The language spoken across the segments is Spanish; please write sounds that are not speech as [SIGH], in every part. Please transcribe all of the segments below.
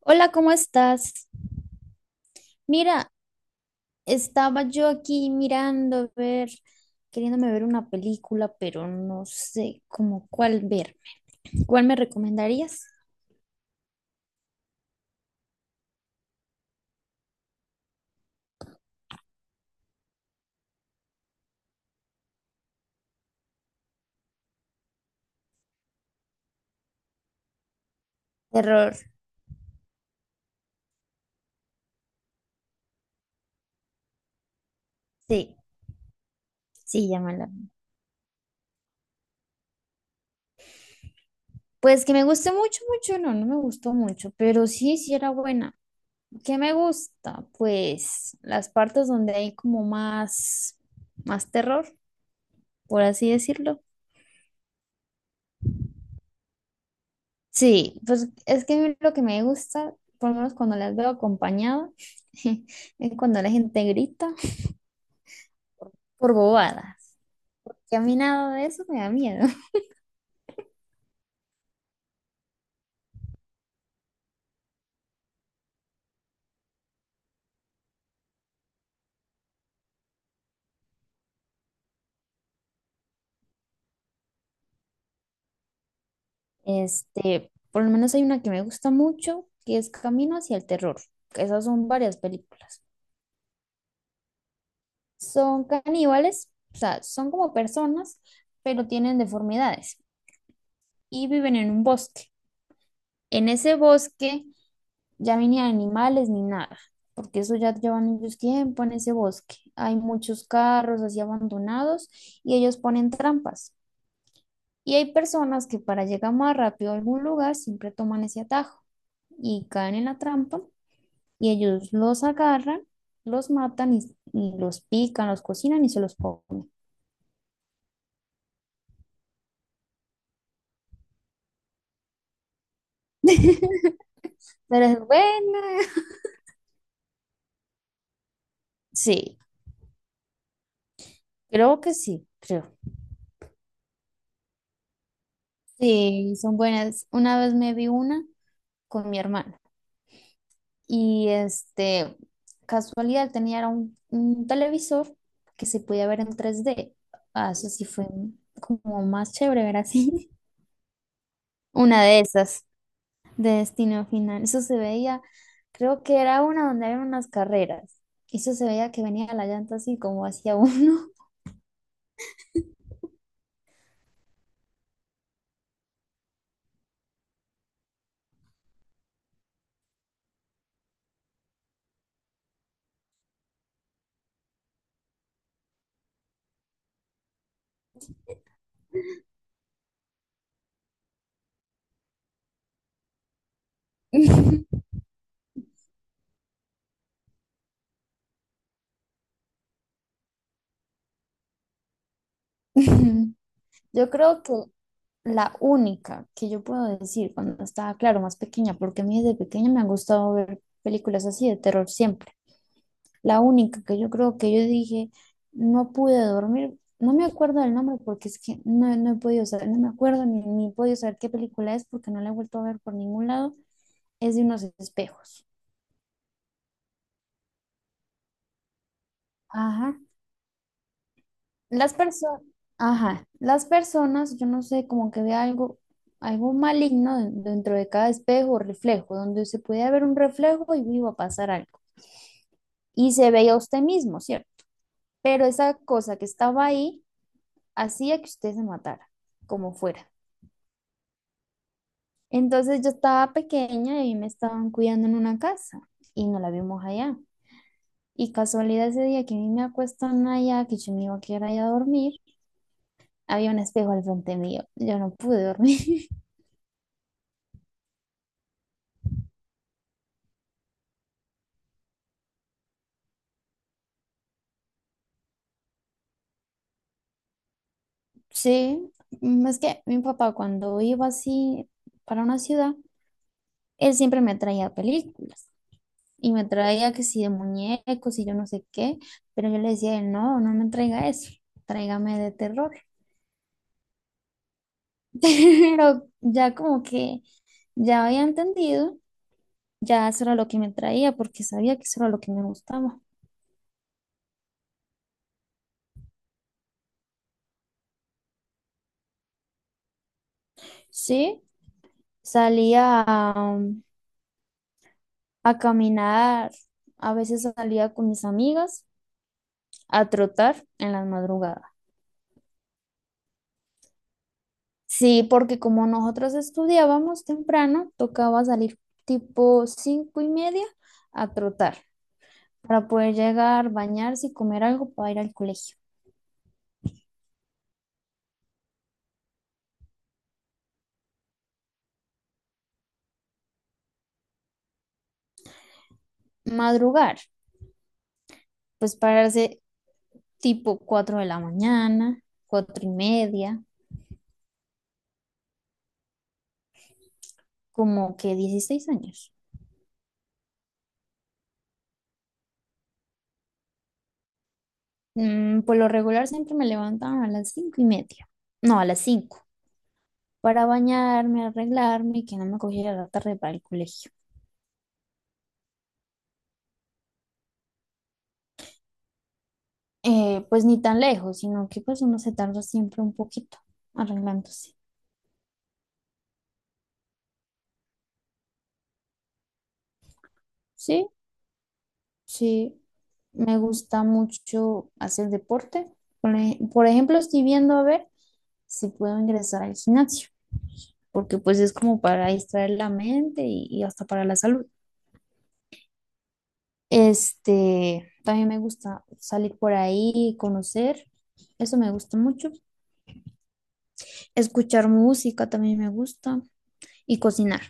Hola, ¿cómo estás? Mira, estaba yo aquí mirando, a ver, queriéndome ver una película, pero no sé cómo cuál verme. ¿Cuál me recomendarías? Terror, sí, sí, llámala. Pues que me guste mucho, mucho, no, no me gustó mucho, pero sí, sí era buena. ¿Qué me gusta? Pues las partes donde hay como más, más terror, por así decirlo. Sí, pues es que a mí lo que me gusta, por lo menos cuando las veo acompañado, [LAUGHS] es cuando la gente grita por bobadas. Que a mí nada de eso me da miedo. [LAUGHS] Por lo menos hay una que me gusta mucho, que es Camino hacia el terror. Esas son varias películas. Son caníbales, o sea, son como personas, pero tienen deformidades y viven en un bosque. En ese bosque ya ni animales ni nada, porque eso ya llevan ellos tiempo en ese bosque. Hay muchos carros así abandonados y ellos ponen trampas. Y hay personas que para llegar más rápido a algún lugar siempre toman ese atajo y caen en la trampa y ellos los agarran, los matan y los pican, los cocinan y se los comen. [LAUGHS] Pero es buena. Sí, creo que sí, creo. Sí, son buenas. Una vez me vi una con mi hermana. Y casualidad, tenía era un televisor que se podía ver en 3D. Ah, eso sí fue como más chévere ver así. [LAUGHS] Una de esas, de Destino Final. Eso se veía, creo que era una donde había unas carreras. Eso se veía que venía la llanta así como hacia uno. [LAUGHS] Yo creo que la única que yo puedo decir cuando estaba, claro, más pequeña, porque a mí desde pequeña me ha gustado ver películas así de terror siempre. La única que yo creo que yo dije, no pude dormir, no me acuerdo del nombre porque es que no, no he podido saber, no me acuerdo ni he podido saber qué película es porque no la he vuelto a ver por ningún lado, es de unos espejos. Ajá. Las personas, ajá, las personas, yo no sé, como que ve algo, algo maligno dentro de cada espejo o reflejo, donde se podía ver un reflejo y iba a pasar algo. Y se veía usted mismo, ¿cierto? Pero esa cosa que estaba ahí hacía que usted se matara, como fuera. Entonces yo estaba pequeña y me estaban cuidando en una casa y no la vimos allá. Y casualidad ese día que a mí me acuestan allá, que yo me iba a quedar allá a dormir, había un espejo al frente mío. Yo no pude dormir. [LAUGHS] Sí, es que mi papá cuando iba así para una ciudad, él siempre me traía películas y me traía que si de muñecos y yo no sé qué, pero yo le decía, a él, no, no me traiga eso, tráigame de terror. [LAUGHS] Pero ya como que ya había entendido. Ya eso era lo que me traía porque sabía que eso era lo que me gustaba. Sí, salía a caminar, a veces salía con mis amigas a trotar en las madrugadas. Sí, porque como nosotros estudiábamos temprano, tocaba salir tipo 5:30 a trotar para poder llegar, bañarse y comer algo para ir al colegio. Madrugar, pues pararse tipo 4 de la mañana, 4:30, como que 16 años. Por lo regular siempre me levantaban a las 5:30. No, a las 5. Para bañarme, arreglarme y que no me cogiera la tarde para el colegio. Pues ni tan lejos, sino que pues uno se tarda siempre un poquito arreglándose. Sí, sí. Me gusta mucho hacer deporte. Por ejemplo, estoy viendo a ver si puedo ingresar al gimnasio, porque pues es como para distraer la mente y hasta para la salud. También me gusta salir por ahí, conocer, eso me gusta mucho. Escuchar música también me gusta y cocinar.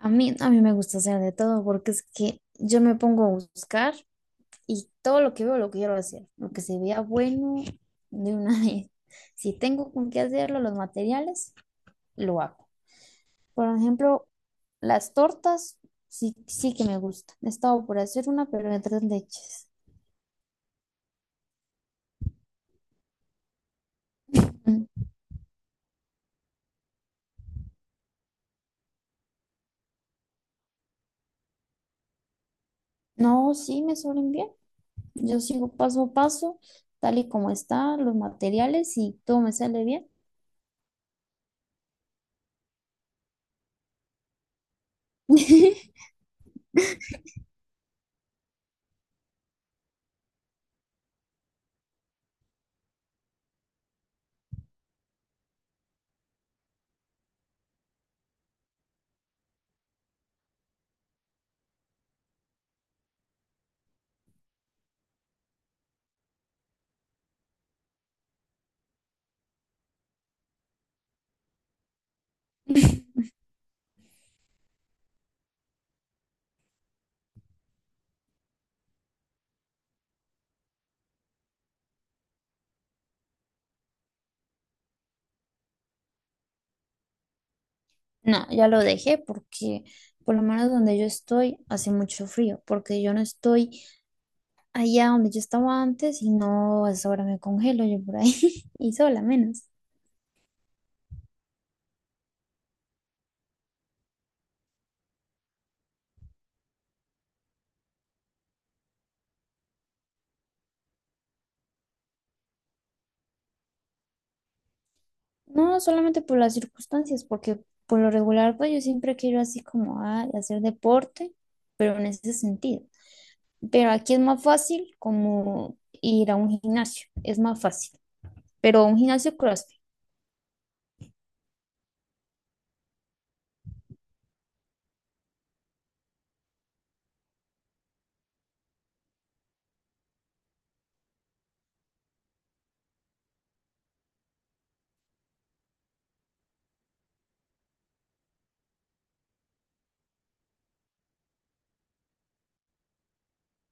A mí me gusta hacer de todo porque es que yo me pongo a buscar y todo lo que veo lo quiero hacer, lo que se vea bueno de una [LAUGHS] vez. Si tengo con qué hacerlo, los materiales, lo hago. Por ejemplo, las tortas sí, sí que me gustan. He estado por hacer una, pero me tres leches. Mm. No, sí, me suelen bien. Yo sigo paso a paso, tal y como está, los materiales y todo me sale bien. [LAUGHS] No, ya lo dejé porque por lo menos donde yo estoy hace mucho frío, porque yo no estoy allá donde yo estaba antes y no, a esa hora me congelo yo por ahí [LAUGHS] y sola menos. No, solamente por las circunstancias, porque por lo regular pues yo siempre quiero así como a hacer deporte, pero en ese sentido. Pero aquí es más fácil como ir a un gimnasio, es más fácil. Pero un gimnasio CrossFit.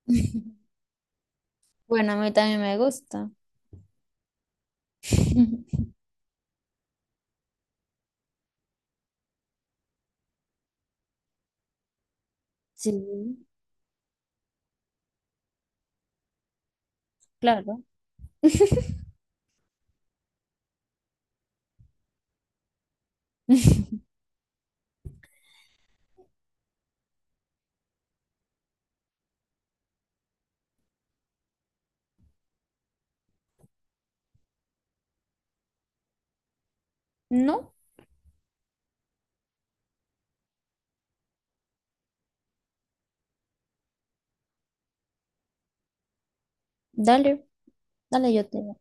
[LAUGHS] Bueno, a mí también me gusta. [LAUGHS] Sí, claro. [LAUGHS] No, dale, dale, yo te digo.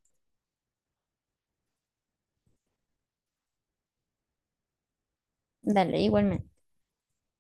Dale, igualmente.